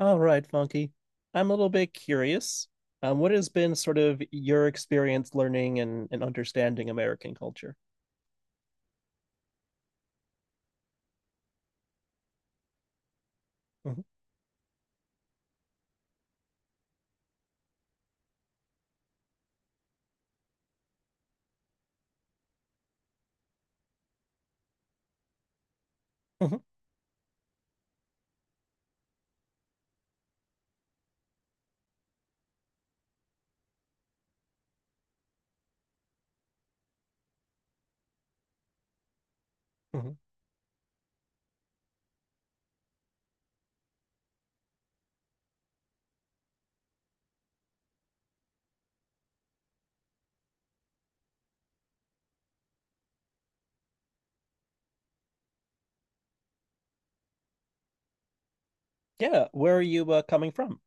All right, Funky. I'm a little bit curious. What has been sort of your experience learning and understanding American culture? Mhm, mhm, mhm. Yeah, where are you coming from?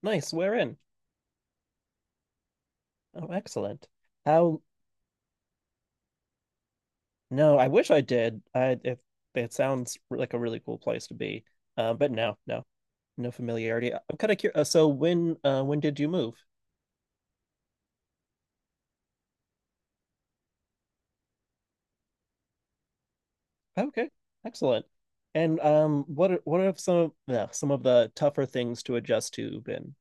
Nice, where in? Oh, excellent. How? No, I wish I did. I if it sounds like a really cool place to be. But no, no, no familiarity. I'm kind of curious. So when did you move? Okay, excellent. And what are, what have some of the tougher things to adjust to been?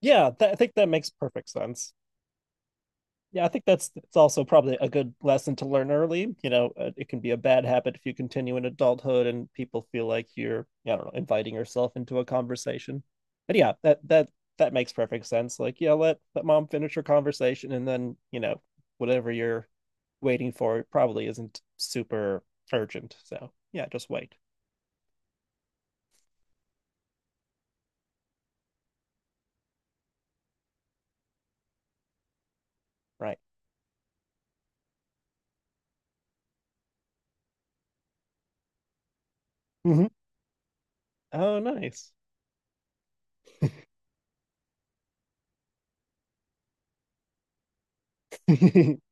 Yeah, th I think that makes perfect sense. Yeah, I think that's it's also probably a good lesson to learn early. You know, it can be a bad habit if you continue in adulthood and people feel like you're, I don't know, inviting yourself into a conversation. But yeah, that that makes perfect sense. Like, yeah, let mom finish her conversation and then, you know, whatever you're waiting for it probably isn't super urgent. So, yeah, just wait. Right. Hmm. Oh, nice.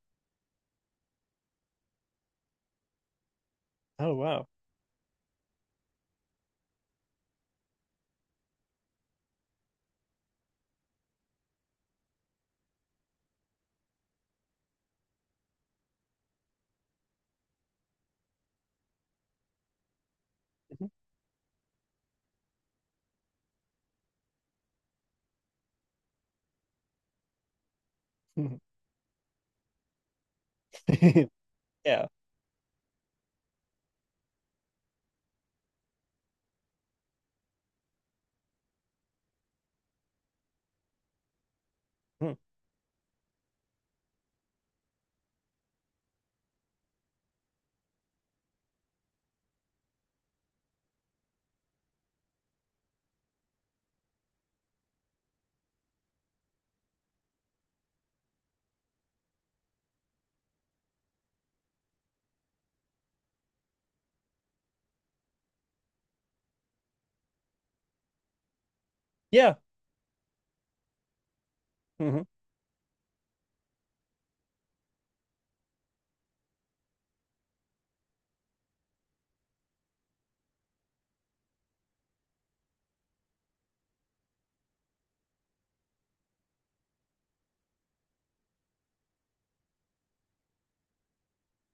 Oh, wow. Yeah. Mhm. Yeah. Mm-hmm.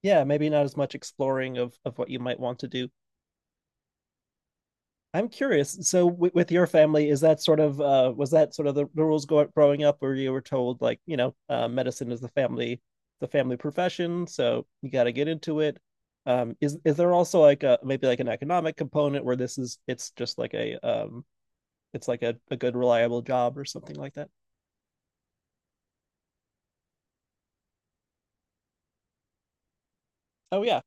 Yeah, maybe not as much exploring of what you might want to do. I'm curious. So with your family, is that sort of was that sort of the, growing up where you were told like, you know, medicine is the family profession, so you got to get into it. Is there also like a maybe like an economic component where this is it's just like a it's like a good reliable job or something like that? Oh yeah.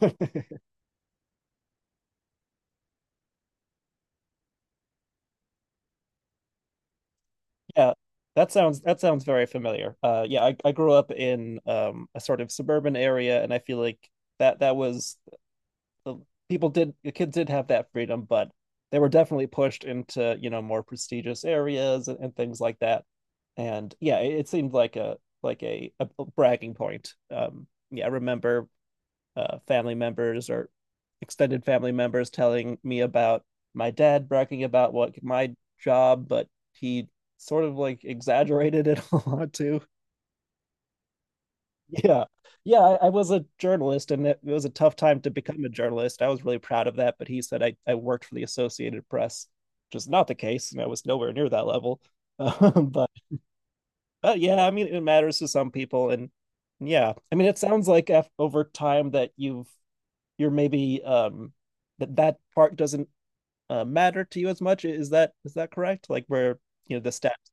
Yeah, that sounds very familiar. I grew up in a sort of suburban area, and I feel like that was the people did the kids did have that freedom, but they were definitely pushed into you know more prestigious areas and things like that. And yeah, it seemed like a like a bragging point. Yeah, I remember family members or extended family members telling me about my dad bragging about what my job, but he sort of like exaggerated it a lot too. Yeah. Yeah, I was a journalist and it was a tough time to become a journalist. I was really proud of that, but he said I worked for the Associated Press, which is not the case, and I was nowhere near that level. But but yeah, I mean it matters to some people and yeah. I mean it sounds like af over time that you're maybe that part doesn't matter to you as much. Is that correct? Like where you know the steps?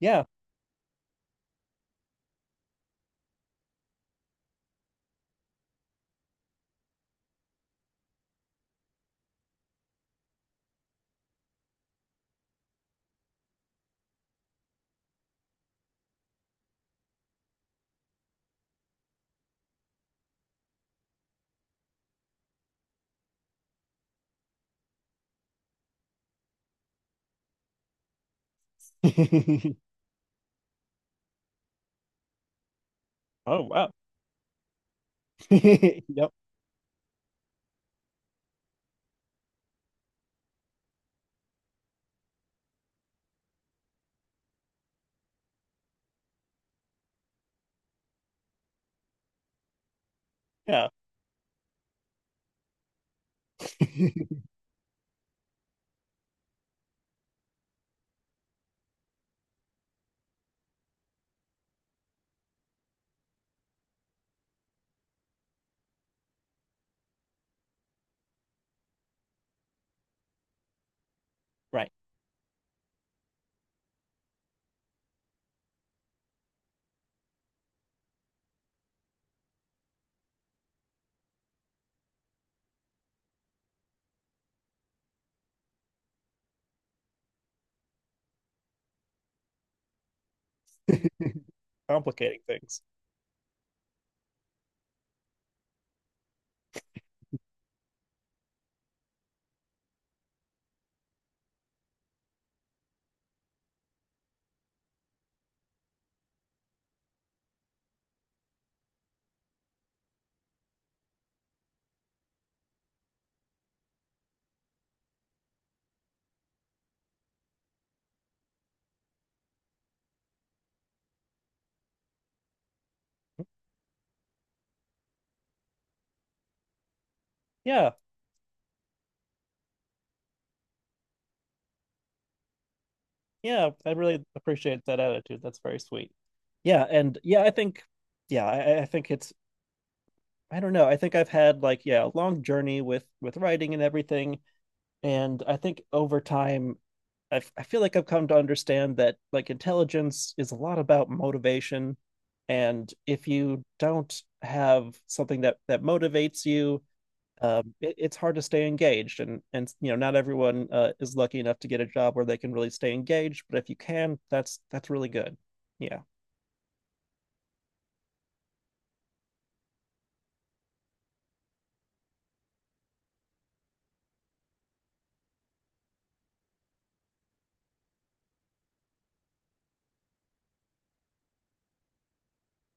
Yeah. Oh wow. Yep. Yeah. Right. Complicating things. Yeah. Yeah. I really appreciate that attitude. That's very sweet. Yeah. And yeah, I think. Yeah, I think it's. I don't know. I think I've had like yeah a long journey with writing and everything, and I think over time I feel like I've come to understand that like intelligence is a lot about motivation, and if you don't have something that motivates you, it's hard to stay engaged. And you know, not everyone is lucky enough to get a job where they can really stay engaged, but if you can, that's really good. Yeah,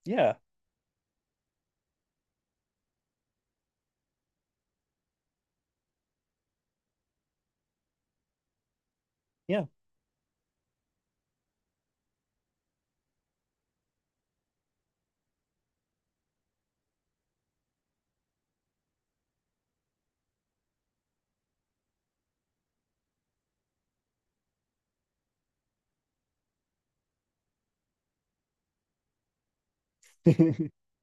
yeah, yeah,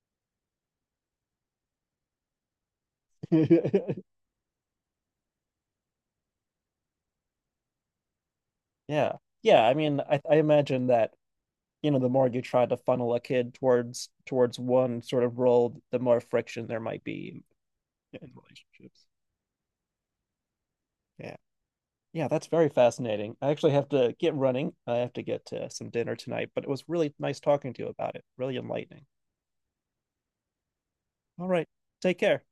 yeah, yeah. I mean, I imagine that you know the more you try to funnel a kid towards towards one sort of role, the more friction there might be yeah. In relationships. Yeah, yeah, that's very fascinating. I actually have to get running. I have to get some dinner tonight, but it was really nice talking to you about it. Really enlightening. All right. Take care.